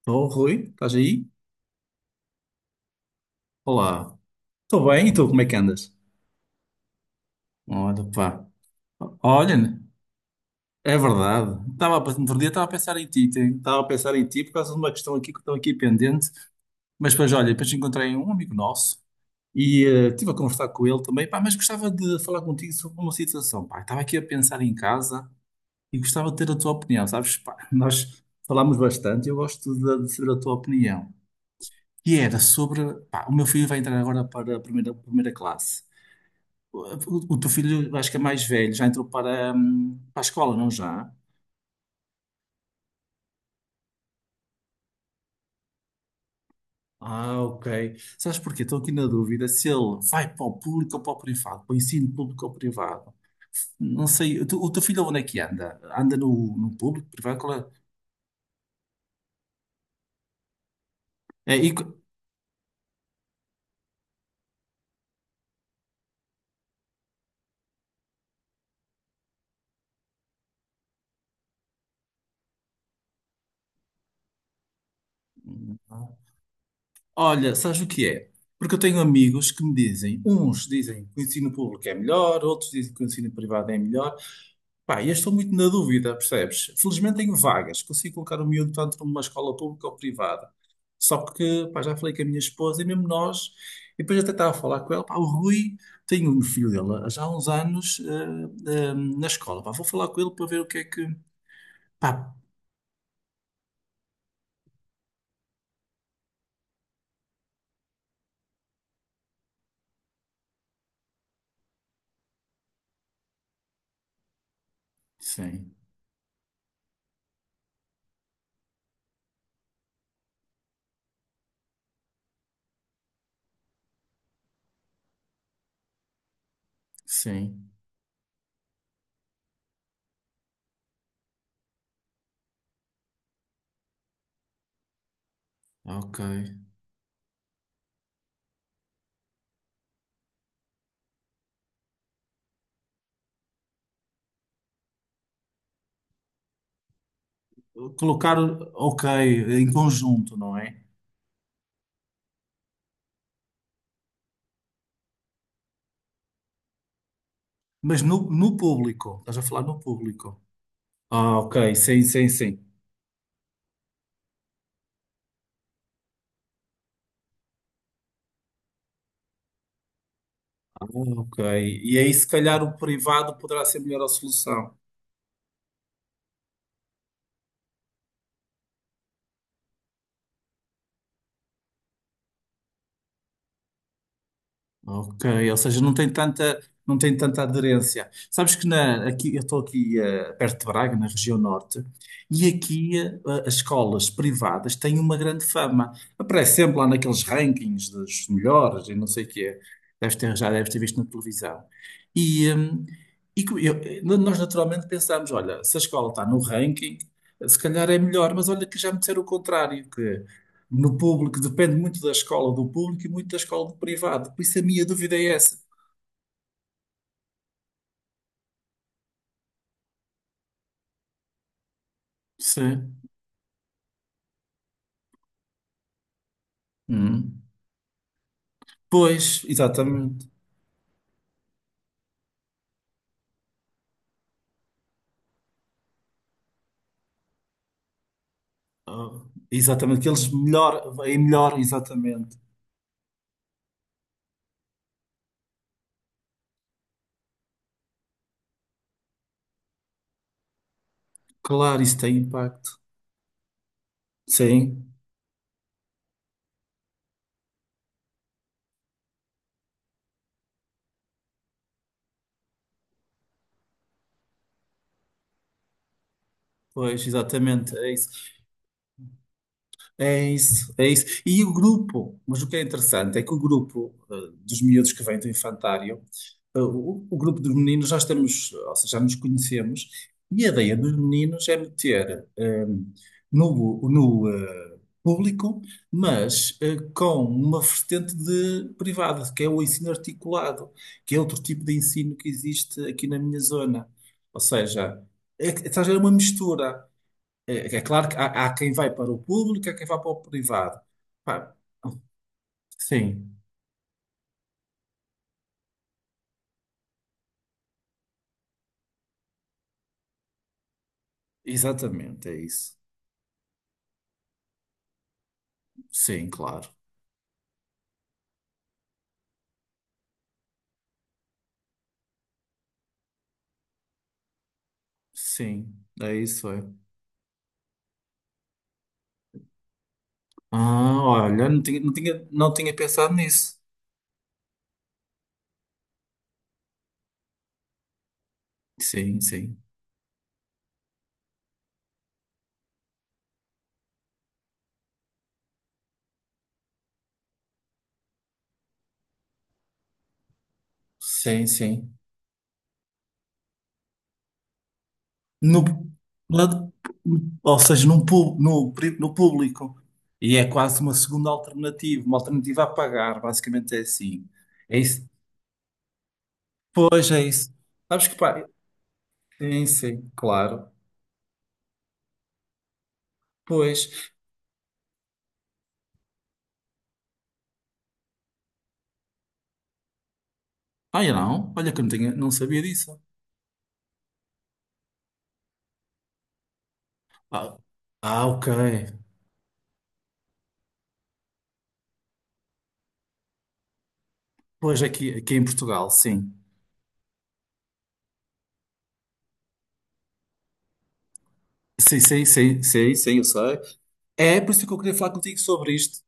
Estou, Rui, estás aí? Olá. Estou bem, e tu, como é que andas? Olha, pá. Olha, é verdade. No outro dia estava a pensar em ti por causa de uma questão aqui que estou aqui pendente. Mas depois, olha, depois encontrei um amigo nosso e estive a conversar com ele também, pá, mas gostava de falar contigo sobre uma situação, pá. Estava aqui a pensar em casa e gostava de ter a tua opinião, sabes? Pá, nós falámos bastante, eu gosto de saber a tua opinião. E era sobre, pá, o meu filho vai entrar agora para a primeira classe. O teu filho, acho que é mais velho, já entrou para a escola, não já? Ah, ok. Sabes porquê? Estou aqui na dúvida se ele vai para o público ou para o privado, para o ensino público ou privado. Não sei, o teu filho onde é que anda? Anda no público, privado? Qual é? É. Olha, sabes o que é? Porque eu tenho amigos que me dizem, uns dizem que o ensino público é melhor, outros dizem que o ensino privado é melhor. Pá, e eu estou muito na dúvida, percebes? Felizmente tenho vagas, consigo colocar o miúdo tanto numa escola pública ou privada. Só que, pá, já falei com a minha esposa e mesmo nós, e depois até estava a falar com ela, pá, o Rui tem um filho dele já há uns anos na escola, pá, vou falar com ele para ver o que é que. Pá, sim, sim, ok. Colocar, ok, em conjunto, não é? Mas no público, estás a falar no público. Ah, ok, sim, sim, sim. Ah, ok, e aí se calhar o privado poderá ser melhor a solução. Ok, ou seja, não tem tanta aderência. Sabes que na, aqui, eu estou aqui perto de Braga, na região norte, e aqui as escolas privadas têm uma grande fama. Aparece sempre lá naqueles rankings dos melhores e não sei o quê. Já deves ter visto na televisão. E, nós naturalmente pensamos, olha, se a escola está no ranking, se calhar é melhor, mas olha que já me disseram o contrário, no público, depende muito da escola do público e muito da escola do privado. Por isso a minha dúvida é essa. Sim. Hum. Pois, exatamente. Ah, exatamente, que eles melhor, é melhor, exatamente. Claro, isso tem impacto. Sim, pois, exatamente, é isso. É isso, é isso. E o grupo, mas o que é interessante é que o grupo dos miúdos que vêm do infantário, o grupo dos meninos nós temos, ou seja, já nos conhecemos, e a ideia dos meninos é meter eh, no, no eh, público, mas com uma vertente de privado, que é o ensino articulado, que é outro tipo de ensino que existe aqui na minha zona. Ou seja, estás a ver, é uma mistura. É claro que há quem vai para o público, há quem vai para o privado. Pá, sim, exatamente, é isso. Sim, claro. Sim, é isso, é. Ah, olha, não tinha pensado nisso. Sim, sim. Sim, sim. No, lado- Ou seja, num, pu- no, pri- no público. E é quase uma segunda alternativa, uma alternativa a pagar, basicamente é assim. É isso. Pois é isso. Sabes que pá, sim, sim, claro. Pois. Ah, eu não. Olha que eu não, não sabia disso. Ah, ah, ok. Pois aqui em Portugal, sim. Sim, sim, sim, sim, sim, eu sei. É por isso que eu queria falar contigo sobre isto.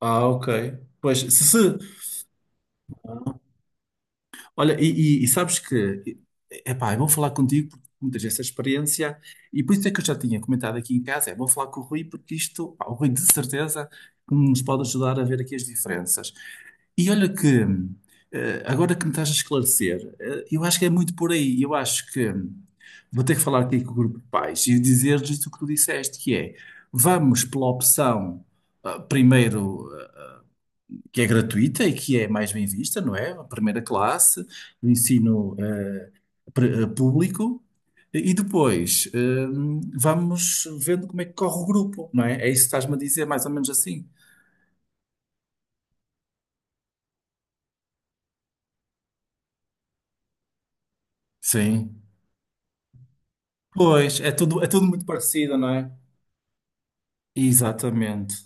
Ah, ok. Pois, se Olha, e sabes que, epá, é bom falar contigo porque tu tens essa experiência e por isso é que eu já tinha comentado aqui em casa, é bom falar com o Rui porque isto, pá, o Rui de certeza que nos pode ajudar a ver aqui as diferenças. E olha que, agora que me estás a esclarecer, eu acho que é muito por aí, eu acho que vou ter que falar aqui com o grupo de pais e dizer-lhes o que tu disseste, que é, vamos pela opção, primeiro que é gratuita e que é mais bem vista, não é? A primeira classe, o ensino público. E depois, vamos vendo como é que corre o grupo, não é? É isso que estás-me a dizer, mais ou menos assim. Sim. Pois, é tudo muito parecido, não é? Exatamente.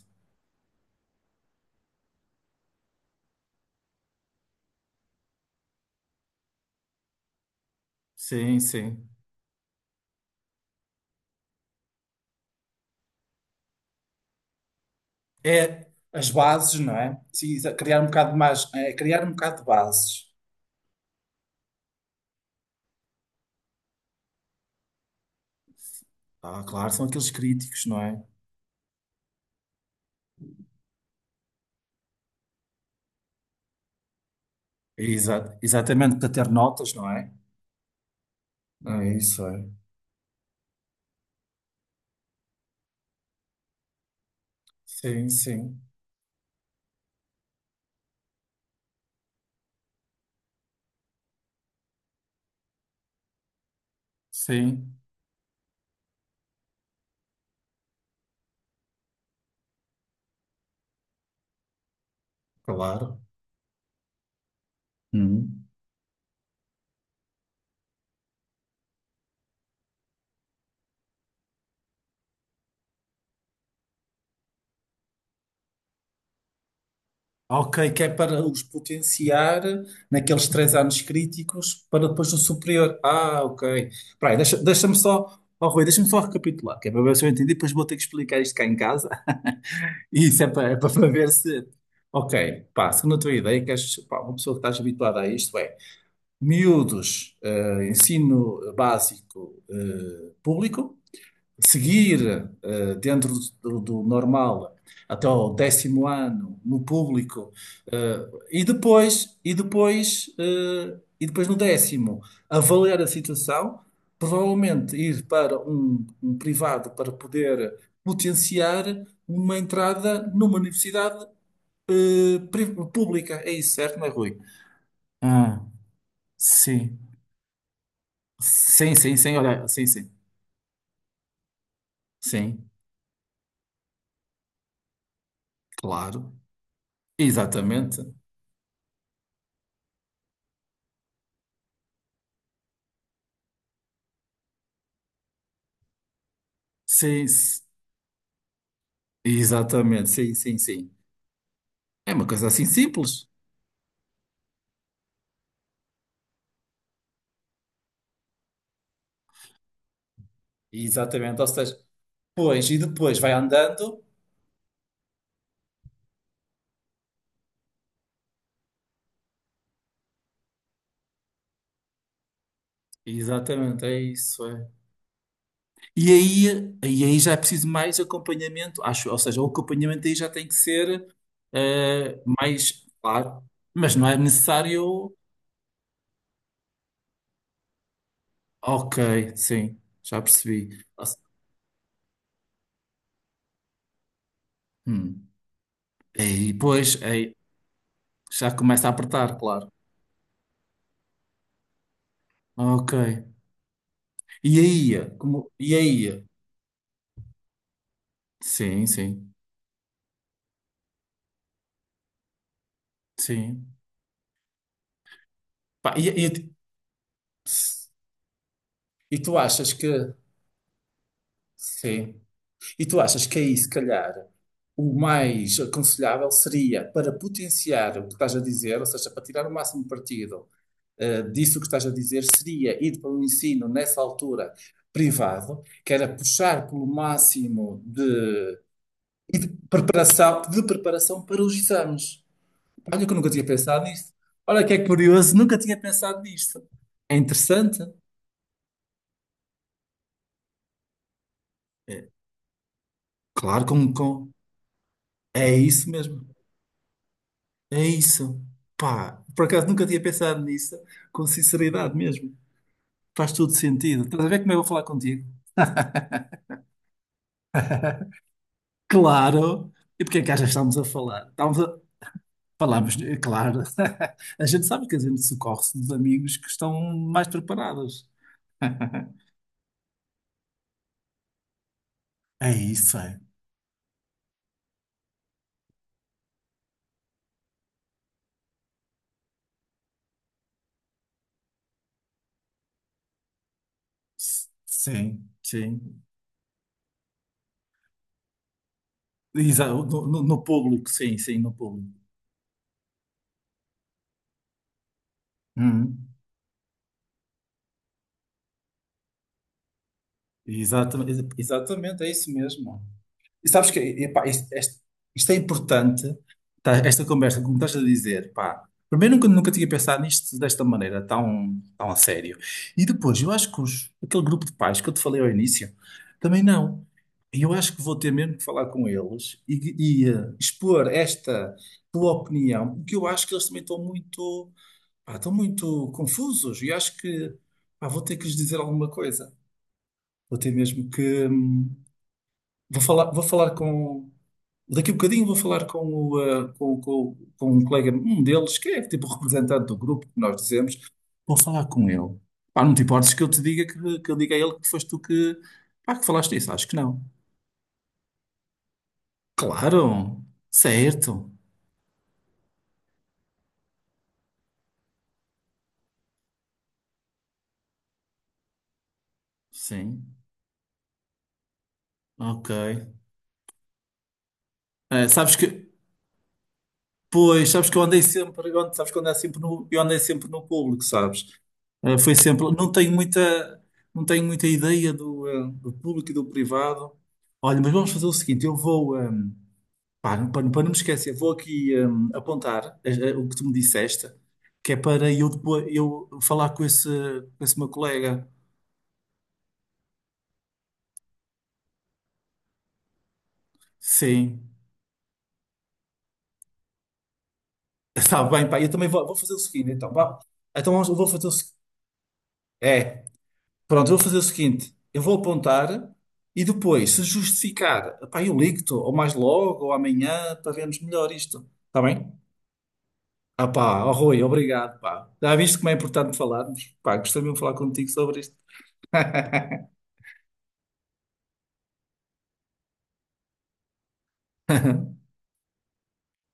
Sim, sim. É as bases, não é? Sim, criar um bocado mais, é criar um bocado de bases. Ah, claro, são aqueles críticos, não é? Exatamente, para ter notas, não é? É isso, é. Sim, sim. Sim. Claro. Uhum. Ok, que é para os potenciar naqueles 3 anos críticos para depois no superior. Ah, ok. Peraí, oh, Rui, deixa-me só recapitular, que é para ver se eu entendi, depois vou ter que explicar isto cá em casa. E isso é para ver se. Ok, pá, segundo a tua ideia, que és, pá, uma pessoa que estás habituada a isto é miúdos, ensino básico, público. Seguir dentro do normal até o 10.º ano no público e depois no 10.º avaliar a situação, provavelmente ir para um privado para poder potenciar uma entrada numa universidade pública. É isso, certo, não é, Rui? Ah, sim. Sim, sim, sim, olha, sim, sim. Sim, claro. Exatamente. Sim, exatamente, sim, sim, sim. É uma coisa assim simples. Exatamente, ou seja, pois, e depois vai andando. Exatamente, é isso. É. E aí já é preciso mais acompanhamento, acho, ou seja, o acompanhamento aí já tem que ser mais claro, mas não é necessário. Ok, sim, já percebi. Ou se- Hum. Pois, aí, já começa a apertar, claro. Ok. E aí? Sim, sim, sim. Pá, E tu achas que, sim, e tu achas que aí, se calhar, o mais aconselhável seria para potenciar o que estás a dizer, ou seja, para tirar o máximo partido, disso que estás a dizer, seria ir para um ensino nessa altura privado, que era puxar pelo máximo de, e de preparação para os exames. Olha que eu nunca tinha pensado nisto. Olha que é curioso, nunca tinha pensado nisto. É interessante. É, claro, é isso mesmo. É isso. Pá, por acaso nunca tinha pensado nisso, com sinceridade mesmo. Faz todo sentido. Estás a ver como eu vou falar contigo? Claro! E porque é que achas que estamos a falar? Estamos a... Falamos, é claro. A gente sabe que a gente socorre-se dos amigos que estão mais preparados. É isso, é. Sim, sim. No público, sim, sim, no público. Hum. Exatamente, exatamente, é isso mesmo. E sabes que, epá, isto é importante, tá, esta conversa, como estás a dizer, pá. Primeiro, nunca tinha pensado nisto desta maneira, tão a sério. E depois, eu acho que aquele grupo de pais que eu te falei ao início, também não. E eu acho que vou ter mesmo que falar com eles e, expor esta tua opinião, porque eu acho que eles também estão muito, pá, estão muito confusos e acho que, pá, vou ter que lhes dizer alguma coisa. Vou ter mesmo que. Vou falar com. Daqui a bocadinho vou falar com, o, eh, com um colega, um deles, que é tipo o representante do grupo, que nós dizemos. Vou falar com ele. Pá, não te importes que eu te diga que eu diga a ele que foste tu que, pá, que falaste isso? Acho que não. Claro, certo. Sim, ok. Sabes que, pois, sabes que eu andei sempre, eu ando- sabes que eu andei sempre no, eu andei sempre no público, sabes? Foi sempre, não tenho muita ideia do público e do privado. Olha, mas vamos fazer o seguinte, eu vou, eh, pá, não- para, não para não me esquecer, vou aqui apontar o que tu me disseste, que é para eu depois eu falar com esse, meu colega. Sim, está bem, pá, eu também vou fazer o seguinte, então, vá. Então eu vou fazer o seguinte. Pronto, eu vou fazer o seguinte: eu vou apontar e depois, se justificar, pá, eu ligo-te, ou mais logo, ou amanhã, para vermos melhor isto. Está bem? Ah, pá, oh, Rui, obrigado, pá. Já viste como é importante falarmos? Pá, gostei mesmo de falar contigo sobre isto.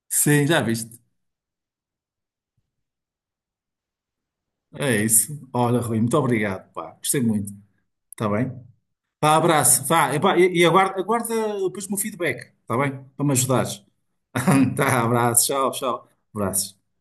Sim, já viste. É isso. Olha, Rui, muito obrigado, pá. Gostei muito. Está bem? Pá, abraço. Vá, e, pá, e aguarda depois o meu feedback, está bem? Para me ajudares. Tá, abraço, tchau, tchau. Abraços.